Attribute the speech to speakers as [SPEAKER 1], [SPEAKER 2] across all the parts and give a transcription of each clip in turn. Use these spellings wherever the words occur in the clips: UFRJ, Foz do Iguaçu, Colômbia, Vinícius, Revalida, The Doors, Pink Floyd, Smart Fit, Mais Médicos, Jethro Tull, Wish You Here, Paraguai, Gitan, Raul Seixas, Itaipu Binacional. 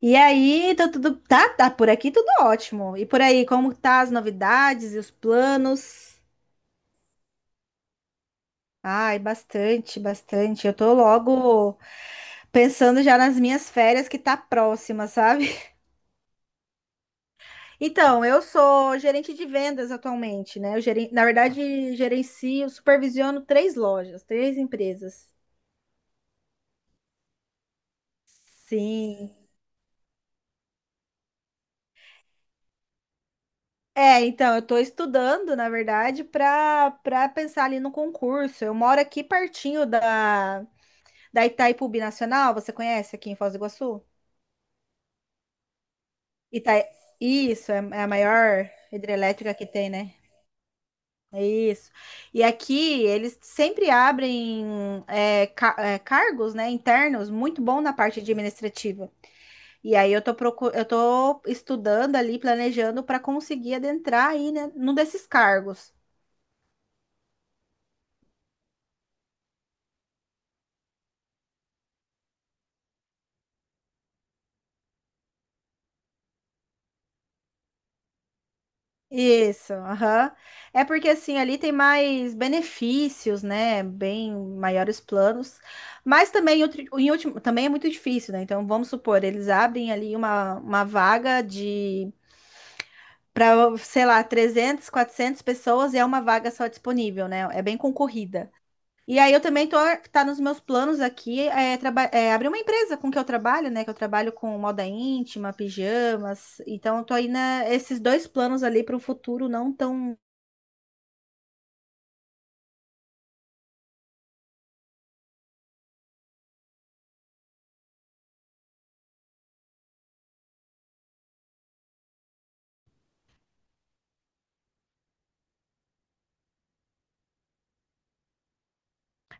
[SPEAKER 1] E aí, tá por aqui tudo ótimo. E por aí, como tá as novidades e os planos? Ai, bastante, bastante. Eu tô logo pensando já nas minhas férias que tá próxima, sabe? Então, eu sou gerente de vendas atualmente, né? Eu gerencio, na verdade, gerencio, supervisiono três lojas, três empresas. Sim. É, então, eu estou estudando, na verdade, para pensar ali no concurso. Eu moro aqui pertinho da, da Itaipu Binacional, você conhece aqui em Foz do Iguaçu? Ita... Isso, é a maior hidrelétrica que tem, né? É isso. E aqui eles sempre abrem cargos, né, internos muito bom na parte administrativa. E aí eu tô estudando ali, planejando para conseguir adentrar aí, né, num desses cargos. Isso, aham. É porque assim, ali tem mais benefícios, né? Bem maiores planos, mas também em último, também é muito difícil, né? Então, vamos supor, eles abrem ali uma vaga de para, sei lá, 300, 400 pessoas e é uma vaga só disponível, né? É bem concorrida. E aí eu também tô tá nos meus planos aqui é, é abrir uma empresa com que eu trabalho, né? Que eu trabalho com moda íntima, pijamas. Então eu tô aí né, esses dois planos ali para o futuro não tão.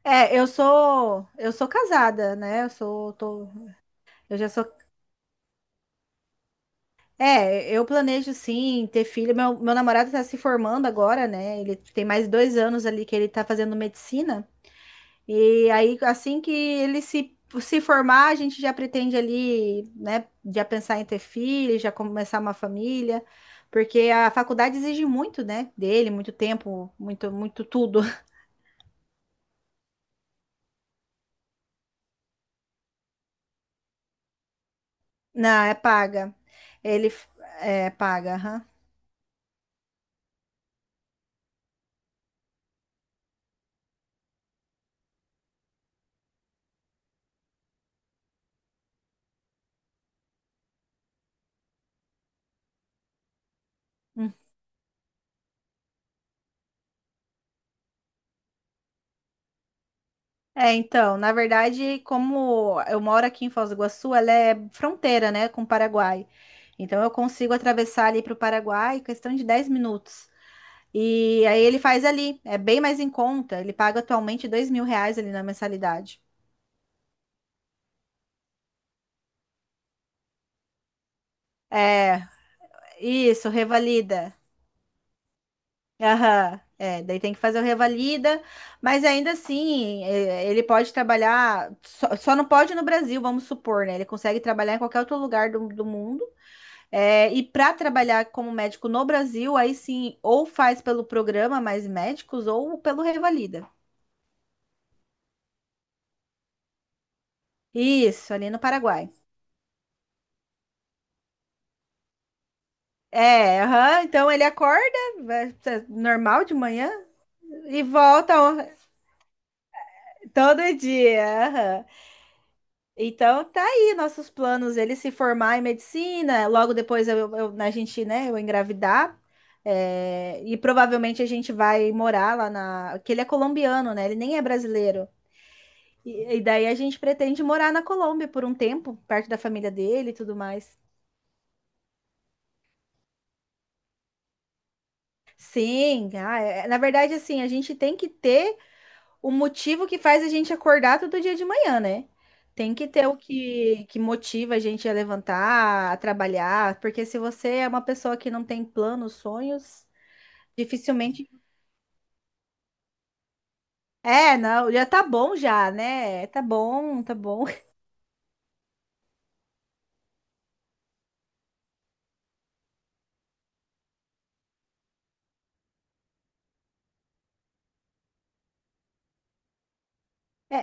[SPEAKER 1] É, eu sou casada, né? Eu sou, tô, eu já sou. É, eu planejo sim ter filho. Meu namorado tá se formando agora, né? Ele tem mais dois anos ali que ele tá fazendo medicina. E aí, assim que ele se, se formar, a gente já pretende ali, né? Já pensar em ter filho, já começar uma família, porque a faculdade exige muito, né? Dele, muito tempo, muito, muito tudo. Não, é paga. Ele f- é paga, aham. É, então, na verdade, como eu moro aqui em Foz do Iguaçu, ela é fronteira, né, com o Paraguai. Então, eu consigo atravessar ali para o Paraguai em questão de 10 minutos. E aí ele faz ali, é bem mais em conta. Ele paga atualmente 2 mil reais ali na mensalidade. É, isso, revalida. Aham, é, daí tem que fazer o revalida, mas ainda assim, é, ele pode trabalhar, só, só não pode no Brasil, vamos supor, né? Ele consegue trabalhar em qualquer outro lugar do mundo. É, e para trabalhar como médico no Brasil, aí sim, ou faz pelo programa Mais Médicos ou pelo Revalida. Isso, ali no Paraguai. É, aham, então ele acorda, tá normal de manhã, e volta ó, todo dia. Aham. Então tá aí nossos planos, ele se formar em medicina, logo depois a gente, né, eu engravidar, é, e provavelmente a gente vai morar lá na... que ele é colombiano, né, ele nem é brasileiro. E daí a gente pretende morar na Colômbia por um tempo, perto da família dele e tudo mais. Sim, ah, é, na verdade, assim, a gente tem que ter o motivo que faz a gente acordar todo dia de manhã, né? Tem que ter o que, que motiva a gente a levantar, a trabalhar, porque se você é uma pessoa que não tem planos, sonhos, dificilmente. É, não, já tá bom já, né? Tá bom, tá bom. É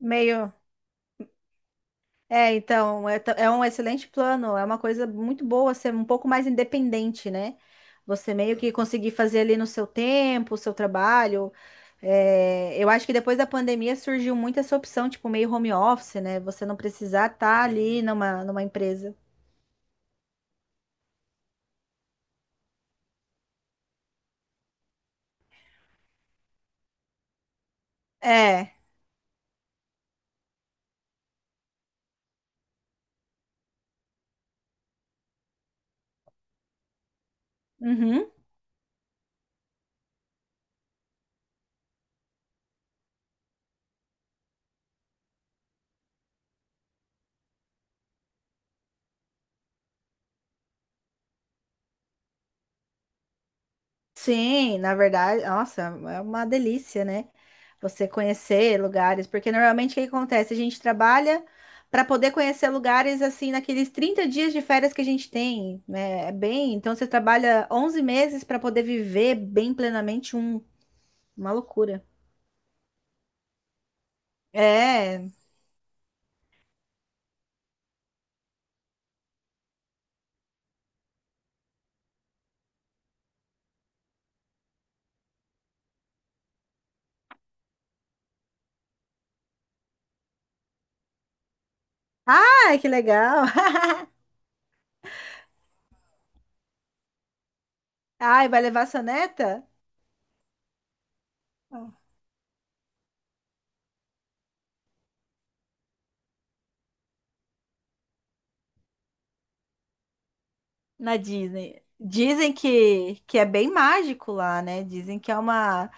[SPEAKER 1] meio. É, então, é um excelente plano, é uma coisa muito boa ser um pouco mais independente, né? Você meio que conseguir fazer ali no seu tempo, o seu trabalho. É, eu acho que depois da pandemia surgiu muito essa opção, tipo, meio home office, né? Você não precisar estar ali numa empresa. É. Uhum. Sim, na verdade, nossa, é uma delícia, né? Você conhecer lugares, porque normalmente o que acontece? A gente trabalha para poder conhecer lugares assim naqueles 30 dias de férias que a gente tem, né? É bem, então você trabalha 11 meses para poder viver bem plenamente um, uma loucura. É. Ai, que legal. Ai, vai levar sua neta na Disney. Dizem que é bem mágico lá, né? Dizem que é uma,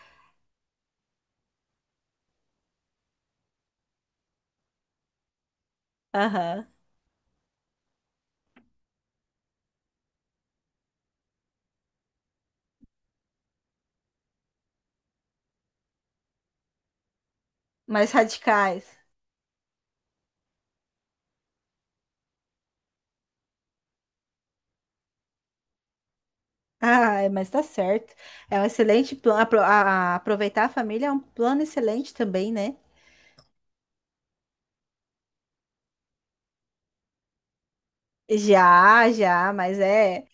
[SPEAKER 1] aham, mais radicais. Ah, mas tá certo. É um excelente plano. Aproveitar a família é um plano excelente também, né? Já, já, mas é.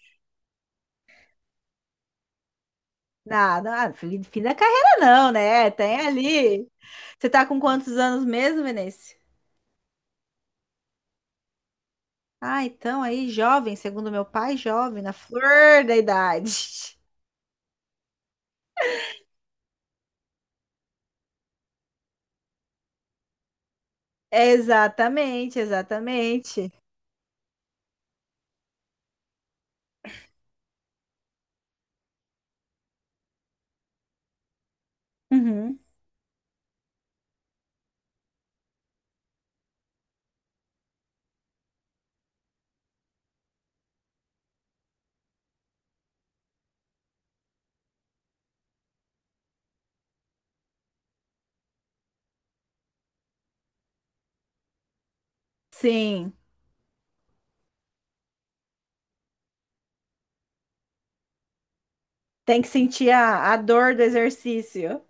[SPEAKER 1] Nada, nada, fim da carreira não, né? Tem ali. Você tá com quantos anos mesmo, Vinícius? Ah, então aí, jovem, segundo meu pai, jovem, na flor da idade. Exatamente, exatamente. Uhum. Sim, tem que sentir a dor do exercício.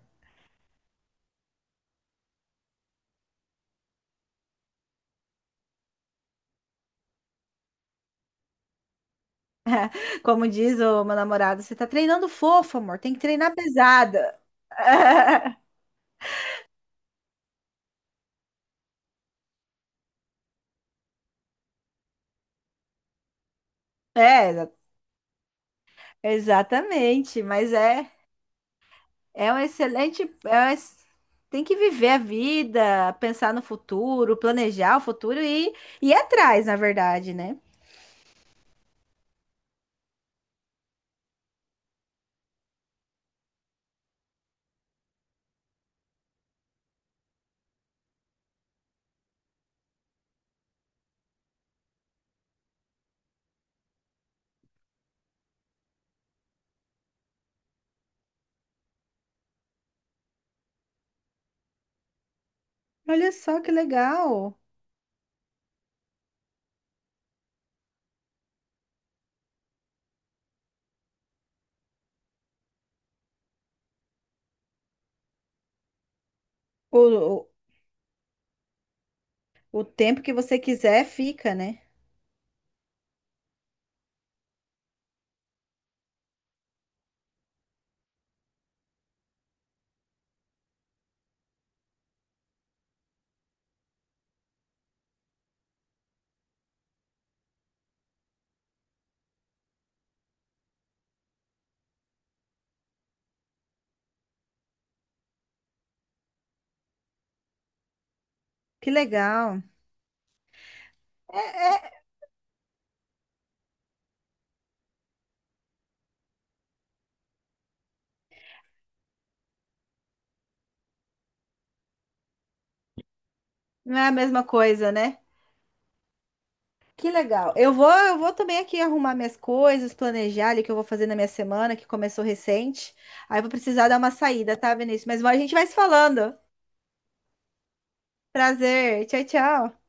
[SPEAKER 1] Como diz o meu namorado, você tá treinando fofo, amor, tem que treinar pesada. É, exatamente, mas é, é um excelente, é um ex- tem que viver a vida, pensar no futuro, planejar o futuro e ir atrás, na verdade, né? Olha só que legal. O, o, o tempo que você quiser fica, né? Que legal. É, é, não é a mesma coisa, né? Que legal. Eu vou também aqui arrumar minhas coisas, planejar ali o que eu vou fazer na minha semana, que começou recente. Aí eu vou precisar dar uma saída, tá, Vinícius? Mas a gente vai se falando. Prazer. Tchau, tchau.